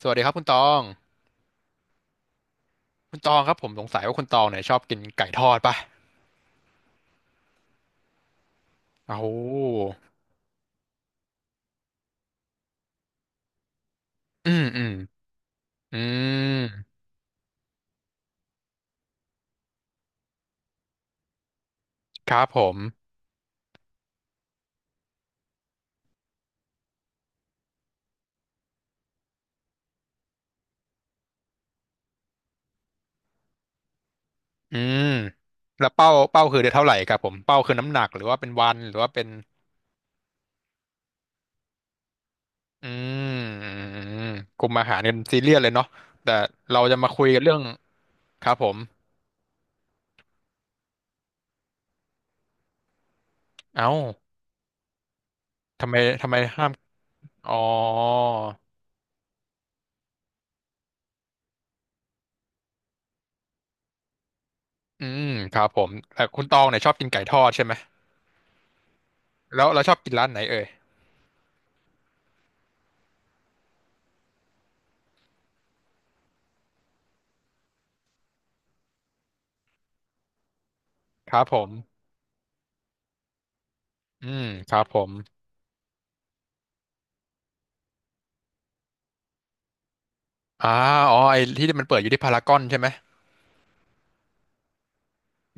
สวัสดีครับคุณตองคุณตองครับผมสงสัยว่าคุณตองเนี่ยชอบกินไก่ทอดป่ะโอ้โหอืมอืมอืมครับผมอืมแล้วเป้าคือเดือนเท่าไหร่ครับผมเป้าคือน้ำหนักหรือว่าเป็นวันหรือว่าเป็นอืมอืมอืมกลุ่มอาหารกันซีเรียสเลยเนาะแต่เราจะมาคุยกันเรื่องครับผมเอ้าทำไมทำไมห้ามอ๋ออืมครับผมแต่คุณตองเนี่ยชอบกินไก่ทอดใช่ไหมแล้วเราชอบกินร้านไหนเอ่ยครับผมอืมครับผม อ่าอ๋อไอ้ที่มันเปิดอยู่ที่พารากอนใช่ไหม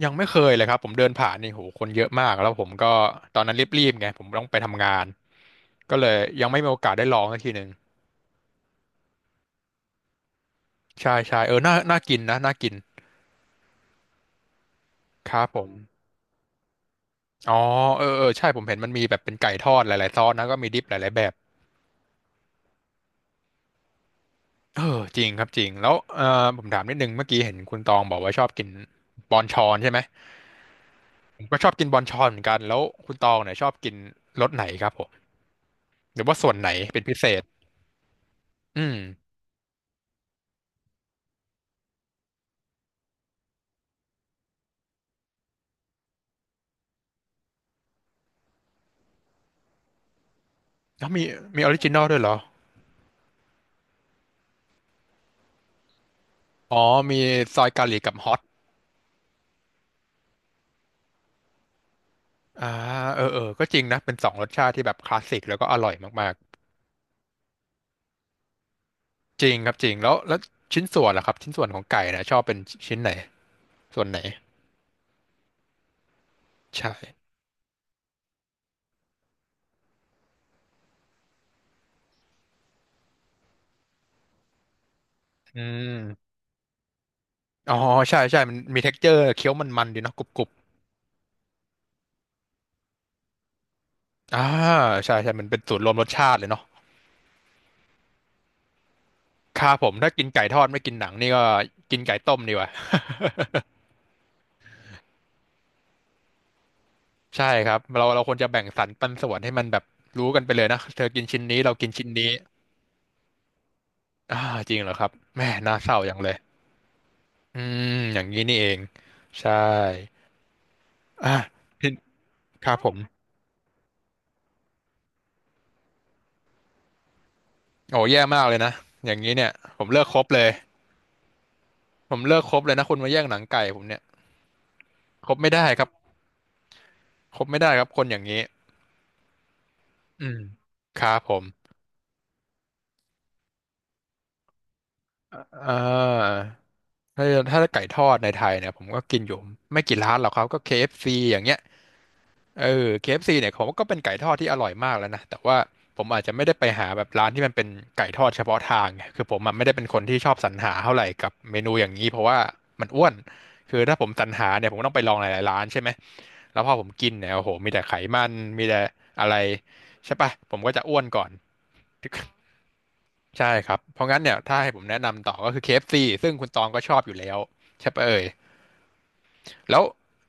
ยังไม่เคยเลยครับผมเดินผ่านนี่โหคนเยอะมากแล้วผมก็ตอนนั้นรีบๆไงผมต้องไปทำงานก็เลยยังไม่มีโอกาสได้ลองสักทีหนึ่งใช่ใช่เออน่าน่ากินนะน่ากินครับผมอ๋อเออเออใช่ผมเห็นมันมีแบบเป็นไก่ทอดหลายๆซอสนะก็มีดิปหลายๆแบบเออจริงครับจริงแล้วเออผมถามนิดนึงเมื่อกี้เห็นคุณตองบอกว่าชอบกินบอนชอนใช่ไหมผมก็ชอบกินบอนชอนเหมือนกันแล้วคุณตองเนี่ยชอบกินรสไหนครับผมหรือว่าส่วนไหนเป็นพิเศษอืม แล้วมีออริจินอลด้วยเหรอ อ๋อมีซอยเกาหลีกับฮอตอ่าเออเออก็จริงนะเป็นสองรสชาติที่แบบคลาสสิกแล้วก็อร่อยมากๆจริงครับจริงแล้วแล้วชิ้นส่วนล่ะครับชิ้นส่วนของไก่นะชอบเป็นชิ้นไหนส่วนไหนใช่อืมอ๋อใช่ใช่มันมี texture เจอร์เคี้ยวมันๆดีเนาะกรุบๆอ่าใช่ใช่มันเป็นสูตรรวมรสชาติเลยเนาะครับผมถ้ากินไก่ทอดไม่กินหนังนี่ก็กินไก่ต้มดีกว่า ใช่ครับเราควรจะแบ่งสรรปันส่วนให้มันแบบรู้กันไปเลยนะเธอกินชิ้นนี้เรากินชิ้นนี้ อ่าจริงเหรอครับแม่น่าเศร้าอย่างเลยอือย่างนี้นี่เองใช่อ่ะพี่ครับผมโอ้แย่มากเลยนะอย่างนี้เนี่ยผมเลิกคบเลยผมเลิกคบเลยนะคุณมาแย่งหนังไก่ผมเนี่ยคบไม่ได้ครับคบไม่ได้ครับคนอย่างนี้อืมครับผมอ่าถ้าถ้าไก่ทอดในไทยเนี่ยผมก็กินอยู่ไม่กี่ร้านหรอกครับก็ KFC อฟซีอย่างเงี้ย เออ KFC เอฟซีเนี่ยผมว่าก็เป็นไก่ทอดที่อร่อยมากแล้วนะแต่ว่าผมอาจจะไม่ได้ไปหาแบบร้านที่มันเป็นไก่ทอดเฉพาะทางไงคือผมอะไม่ได้เป็นคนที่ชอบสรรหาเท่าไหร่กับเมนูอย่างนี้เพราะว่ามันอ้วนคือถ้าผมสรรหาเนี่ยผมก็ต้องไปลองหลายๆร้านใช่ไหมแล้วพอผมกินเนี่ยโอ้โหมีแต่ไขมันมีแต่อะไรใช่ปะผมก็จะอ้วนก่อน ใช่ครับเพราะงั้นเนี่ยถ้าให้ผมแนะนำต่อก็คือ KFC ซซึ่งคุณตองก็ชอบอยู่แล้วใช่ปะเอ่ย แล้ว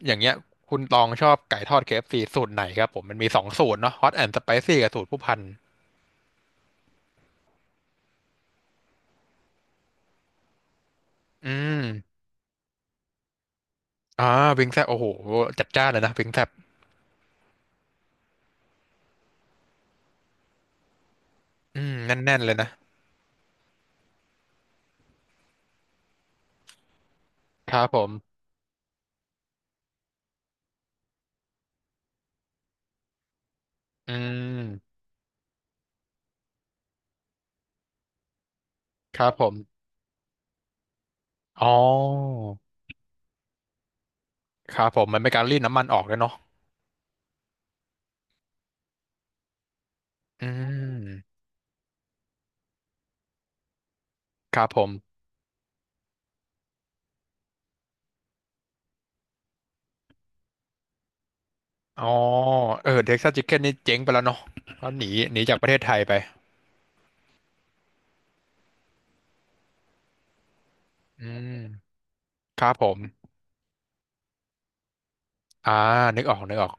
อย่างเงี้ยคุณตองชอบไก่ทอด KFC สูตรไหนครับผมมันมีสองสูตรเนาะฮอตแอนด์สไปซี่กับสูตรผู้พันอืมอ่าวิงแซบโอ้โหจัดจ้านเลยนะวิงแซบอืมแน่นๆเลยนะครับผมอืมครับผมอ๋อครับผมมันเป็นการรีดน้ำมันออกด้วยเนาะอืมครับผมอ๋อเออเท็กซัสชิคเก้นนี่เจ๊งไปแล้วเนาะเขาหนีหนีจากประเทศไทยไปอืมครับผมอ่านึกออกนึกออก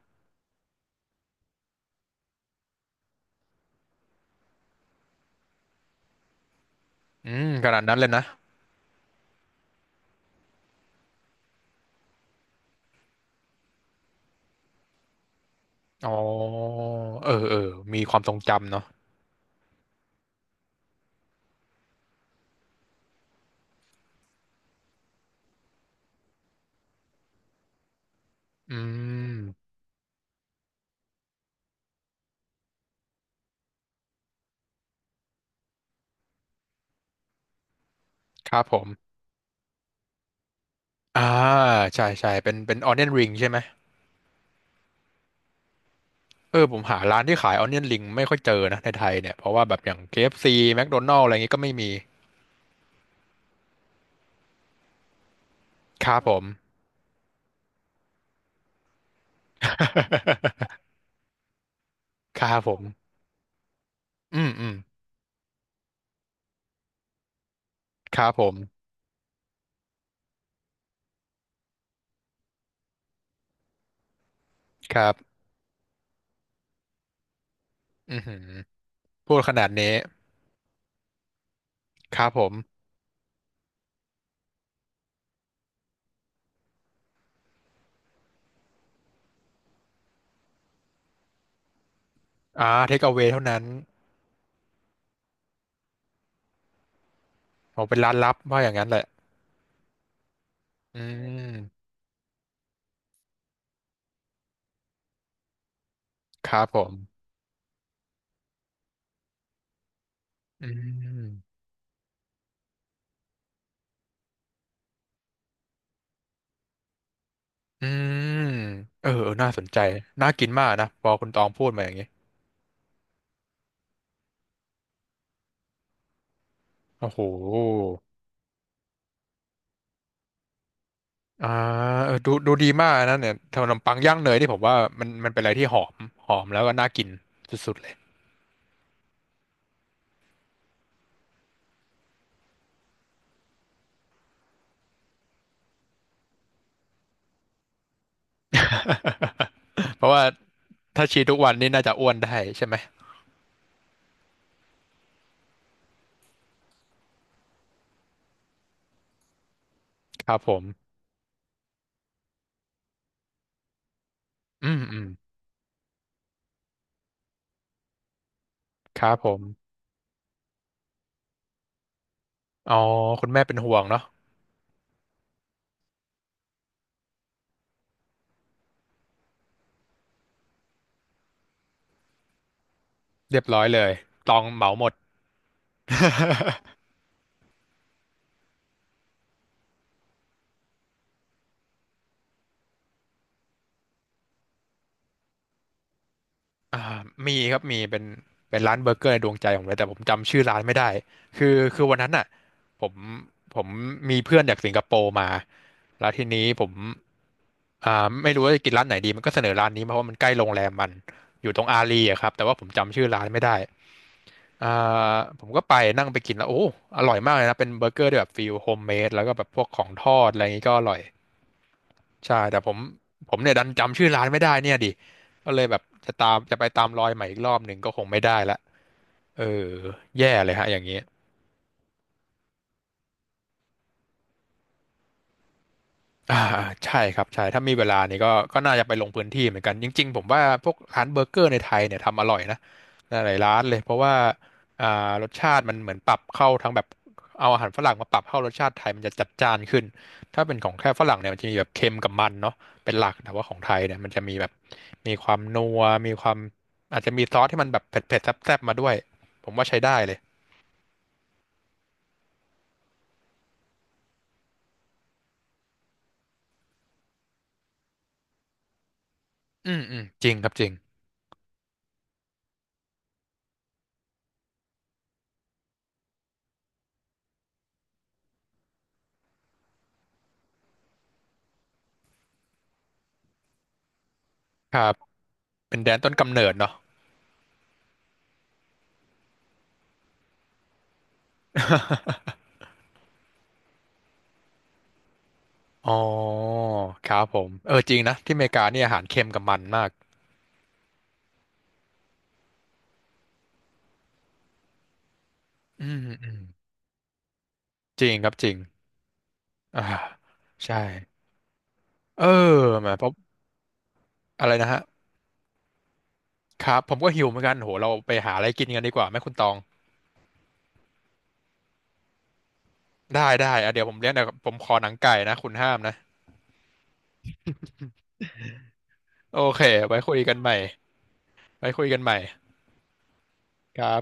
อืมขนาดนั้นเลยนะ อ๋อเออเออมีความทรงจำเนาะอืมครับผมอ่าใช่ใช่เป็นเป็น Onion Ring ใช่ไหมเออผมหาร้านที่ขาย Onion Ring ไม่ค่อยเจอนะในไทยเนี่ยเพราะว่าแบบอย่าง KFC McDonald's อะไรอย่างงี้ก็ไม่มีครับผม ครับผมอืมอืมครับผมครับอือหือพูดขนาดนี้ครับผมอ่าเทคเอา a วเท่านั้นผมเป็นร้านลับว่าอย่างนั้นแหละอืมครับผมอืม อืมเออเออน่าสนใจน่ากินมากนะ พอคุณตองพูดมาอย่างนี้โอ้โหอ่าเออดูดูดีมากนะเนี่ยขนมปังย่างเนยที่ผมว่ามันมันเป็นอะไรที่หอม หอมแล้วก็น่ากินสุดๆเลย เพราะว่าถ้าชีทุกวันนี่น่าจะอ้วนได้ใช่ไหมครับผม อืมอืมครับผม อ๋อคุณแม่เป็นห่วงเนาะเรียบร้อยเลยตองเหมาหมด อ่ามีครับมีเป็นเป็นร้านเบอร์เกอร์ในดวงใจผมเลยแต่ผมจำชื่อร้านไม่ได้คือวันนั้นน่ะผมผมมีเพื่อนจากสิงคโปร์มาแล้วทีนี้ผมไม่รู้ว่าจะกินร้านไหนดีมันก็เสนอร้านนี้มาเพราะว่ามันใกล้โรงแรมมันอยู่ตรงอารีอะครับแต่ว่าผมจำชื่อร้านไม่ได้อ่ผมก็ไปนั่งไปกินแล้วโอ้อร่อยมากเลยนะเป็นเบอร์เกอร์ที่แบบฟิลโฮมเมดแล้วก็แบบพวกของทอดอะไรอย่างนี้ก็อร่อยใช่แต่ผมเนี่ยดันจำชื่อร้านไม่ได้เนี่ยดิก็เลยแบบจะไปตามรอยใหม่อีกรอบหนึ่งก็คงไม่ได้ละ เออแย่เลยฮะอย่างนี้อ่าใช่ครับใช่ถ้ามีเวลานี่ก็น่าจะไปลงพื้นที่เหมือนกันจริงๆผมว่าพวกร้านเบอร์เกอร์ในไทยเนี่ยทำอร่อยนะหลายๆร้านเลยเพราะว่าอ่ารสชาติมันเหมือนปรับเข้าทั้งแบบเอาอาหารฝรั่งมาปรับเข้ารสชาติไทยมันจะจัดจ้านขึ้นถ้าเป็นของแค่ฝรั่งเนี่ยมันจะมีแบบเค็มกับมันเนาะเป็นหลักแต่ว่าของไทยเนี่ยมันจะมีแบบมีความนัวมีความอาจจะมีซอสที่มันแบบเผ็ดๆแซ่บๆมาด้วยผมว่าใช้ได้เลยอืมอืมจริงครับจริงครับเป็นแดนต้นกำเนิดเนาะ อ๋อครับผมเออจริงนะที่อเมริกาเนี่ยอาหารเค็มกับมันมากอืมอืมจริงครับจริงอ่าใช่เออแหมเพราะอะไรนะฮะครับผมก็หิวเหมือนกันโหเราไปหาอะไรกินกันดีกว่าไหมคุณตองได้ได้อ่ะเดี๋ยวผมเลี้ยงเดี๋ยวผมขอหนังไก่นะคุณห้ามนะโอเคไว้คุยกันใหม่ไว้คุยกันใหม่ครับ